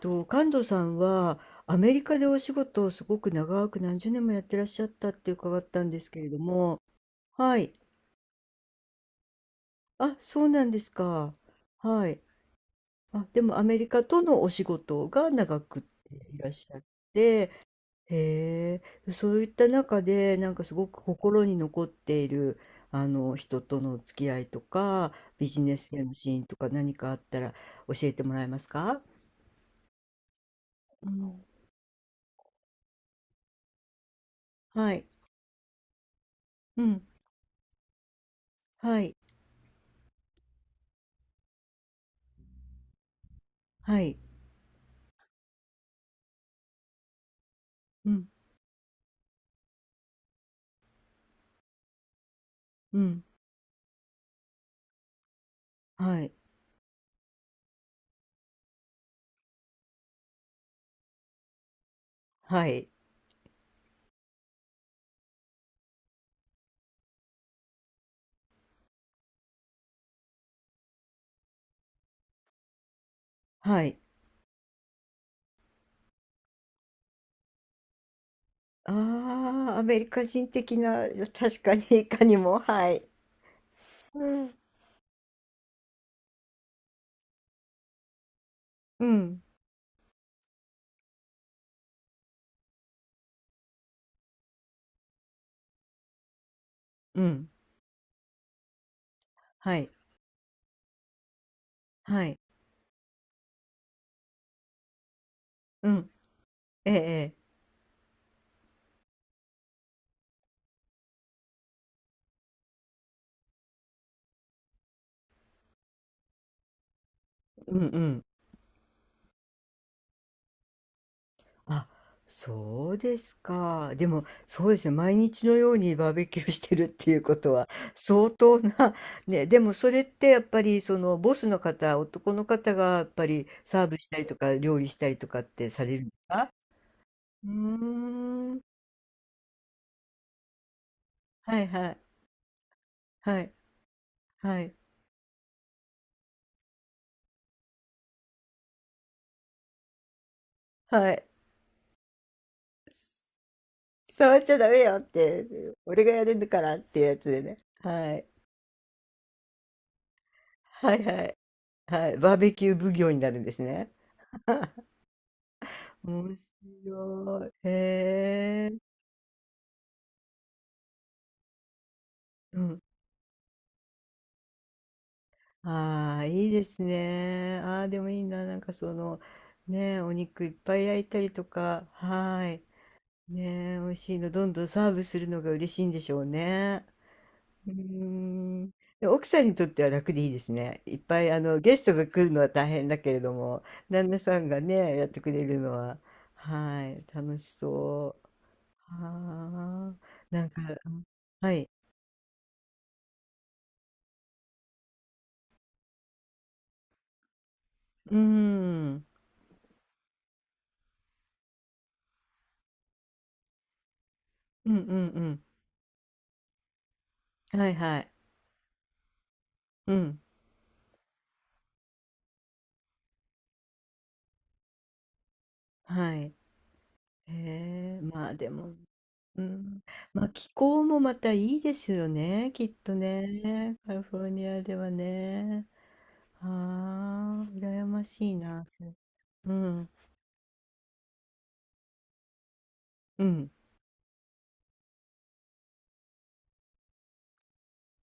と、神門さんはアメリカでお仕事をすごく長く何十年もやってらっしゃったって伺ったんですけれども、はい。あ、そうなんですか。はい。あ、でもアメリカとのお仕事が長くっていらっしゃる。へえ、そういった中で、なんかすごく心に残っている、あの、人との付き合いとか、ビジネスでのシーンとか何かあったら教えてもらえますか。うん。はい。うん。はい。はい。うん。うん。はい。はい。はい。ああ、アメリカ人的な、確かにいかにも、はい。うん。うん、うん、はい、はい、うん、ええ、ええ、うんうん。あ、そうですか。でも、そうですね、毎日のようにバーベキューしてるっていうことは、相当な、ね、でもそれってやっぱり、その、ボスの方、男の方がやっぱりサーブしたりとか、料理したりとかってされるのか。うーん、はいはい、はい、はい。はい。触っちゃダメよって、俺がやるんだからっていうやつでね。はい。はいはい。はい。バーベキュー奉行になるんですね。面白い。へえ。うん。ああ、いいですね。ああ、でもいいな。なんかその、ねえ、お肉いっぱい焼いたりとか、はい。ねえ、美味しいの、どんどんサーブするのが嬉しいんでしょうね。うーん。でも奥さんにとっては楽でいいですね。いっぱいあのゲストが来るのは大変だけれども、旦那さんがね、やってくれるのは、はい、楽しそう。はあ、なんか、うん、はい。うーん。うんうんうん。はいはい。うん。はい。へえ、まあでも、うん。まあ気候もまたいいですよね、きっとね。カリフォルニアではね。はあ、羨ましいな。うん、うん、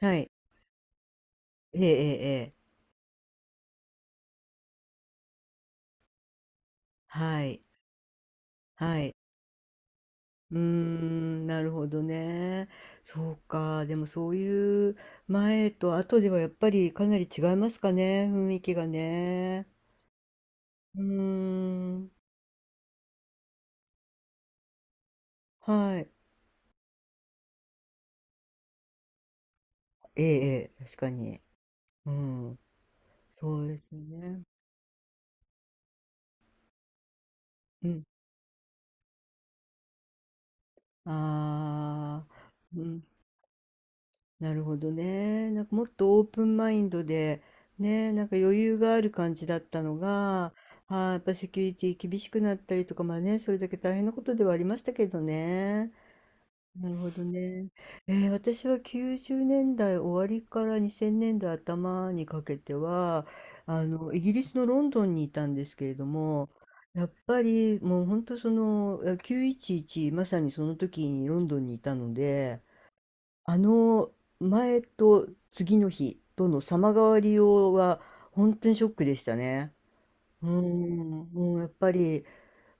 はい。ええええええ。はい、はい。うーん、なるほどね。そうか、でもそういう前と後ではやっぱりかなり違いますかね、雰囲気がね。うーん、はい。ええええ、確かに。うん、そうですね。うん。ああ、うん。なるほどね。なんかもっとオープンマインドで、ね、なんか余裕がある感じだったのが、あ、やっぱセキュリティ厳しくなったりとか、まあね、それだけ大変なことではありましたけどね。なるほどね。私は90年代終わりから2000年代頭にかけては、あの、イギリスのロンドンにいたんですけれども、やっぱりもう本当その、え911、まさにその時にロンドンにいたので、あの前と次の日との様変わりようは本当にショックでしたね。うーん、もうやっぱり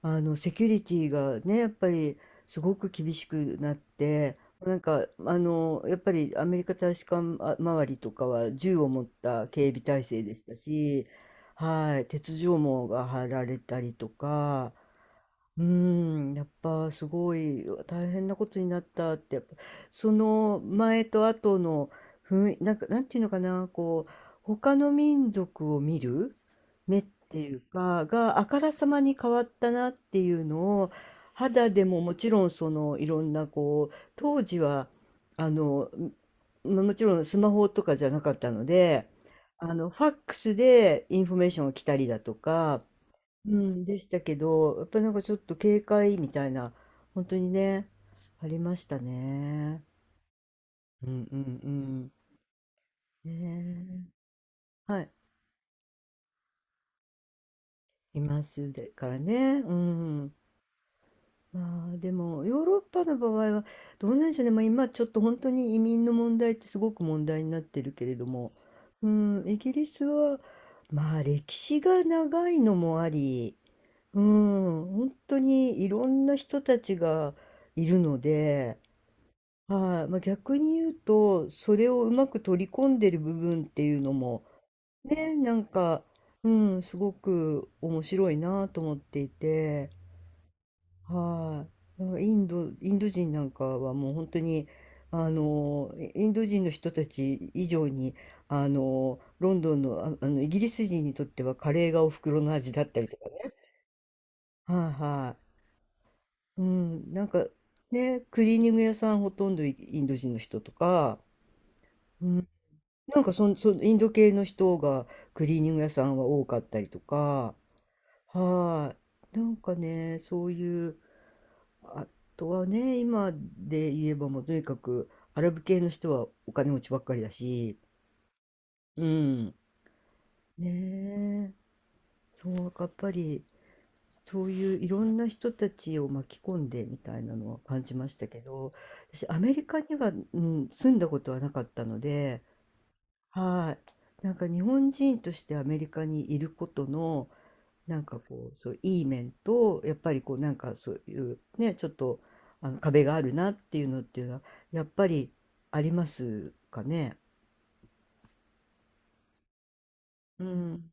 あのセキュリティがね、やっぱりすごく厳しくなって、なんかあのやっぱりアメリカ大使館あ周りとかは銃を持った警備体制でしたし、はい、鉄条網が張られたりとか、うーん、やっぱすごい、うわ大変なことになったって、やっぱその前と後の雰囲なんか、なんていうのかな、こう、他の民族を見る目っていうか、があからさまに変わったなっていうのを、肌でももちろんそのいろんなこう、当時は、あの、まもちろんスマホとかじゃなかったので、あの、ファックスでインフォメーションが来たりだとか、うん、でしたけど、やっぱりなんかちょっと警戒みたいな、本当にね、ありましたね。うんうんうん。ねえ、はい、いますでからね、うん。まあでもヨーロッパの場合はどうなんでしょうね、まあ、今ちょっと本当に移民の問題ってすごく問題になってるけれども、うん、イギリスはまあ歴史が長いのもあり、うん、本当にいろんな人たちがいるので、はい、まあ、逆に言うと、それをうまく取り込んでる部分っていうのも、ね、なんか、うん、すごく面白いなと思っていて、はい。なんかインドインド人なんかはもう本当に、あの、インド人の人たち以上に、あの、ロンドンの、ああの、イギリス人にとってはカレーがお袋の味だったりとかね。はいはい。うん、なんか、ね、クリーニング屋さんほとんどイインド人の人とか、うん、なんかそん、そのインド系の人がクリーニング屋さんは多かったりとか、はい。なんかね、そういう、あとはね、今で言えばもうとにかくアラブ系の人はお金持ちばっかりだし、うん。ねえ、そう、やっぱりそういういろんな人たちを巻き込んでみたいなのは感じましたけど、私アメリカには、うん、住んだことはなかったので、はい。なんか日本人としてアメリカにいることの、なんかこう、そう、いい面と、やっぱりこう、なんかそういうね、ちょっと、あの、壁があるなっていうのっていうのは、やっぱりありますかね。うん。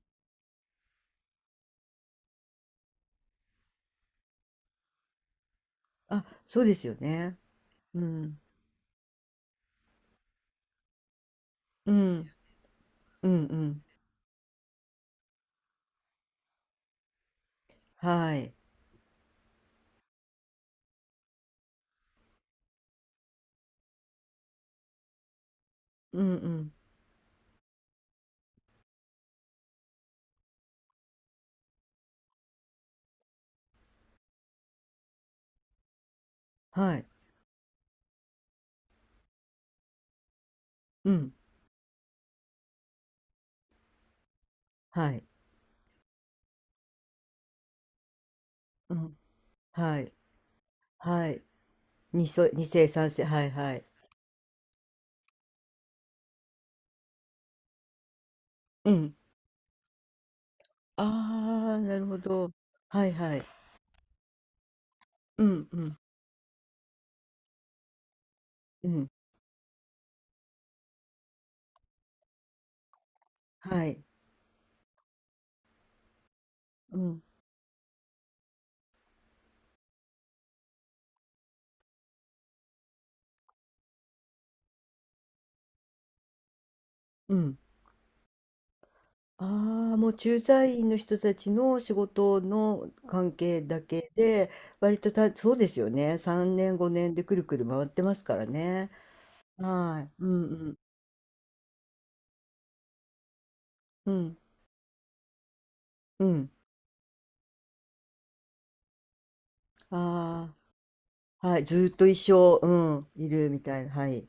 あ、そうですよね。うん。うん。うんうん。はい。うんうん。はい。うん。はい。うん。はい。はい。二世、二世、三世。はいはい。うん。ああ、なるほど。はいはい。うんうん。うん、はい。うん、うん。ああ、もう駐在員の人たちの仕事の関係だけで、割とた、そうですよね。3年、5年でくるくる回ってますからね。はい。うんうん。うん。うん。ああ、はい。ずーっと一生、うん、いるみたいな。はい。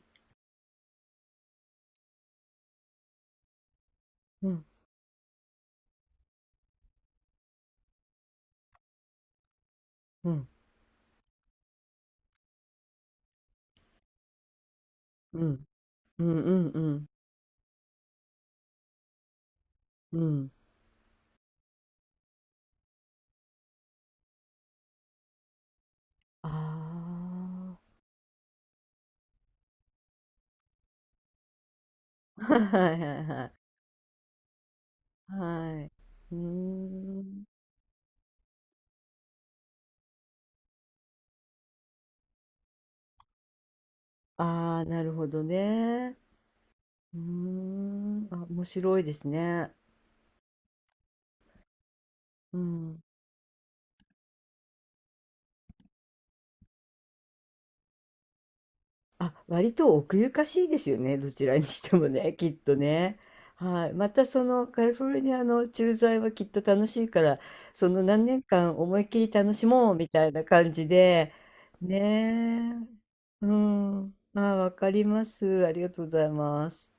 うん。うん。うん。うんうんうん。うん。ああ。はいはいはい。はい。うーん。ああ、なるほどね。うーん、あ、面白いですね。うん。あ、割と奥ゆかしいですよね。どちらにしてもね、きっとね。はい。またそのカリフォルニアの駐在はきっと楽しいから、その何年間思いっきり楽しもうみたいな感じで、ねえ。うん。あ、わかります。ありがとうございます。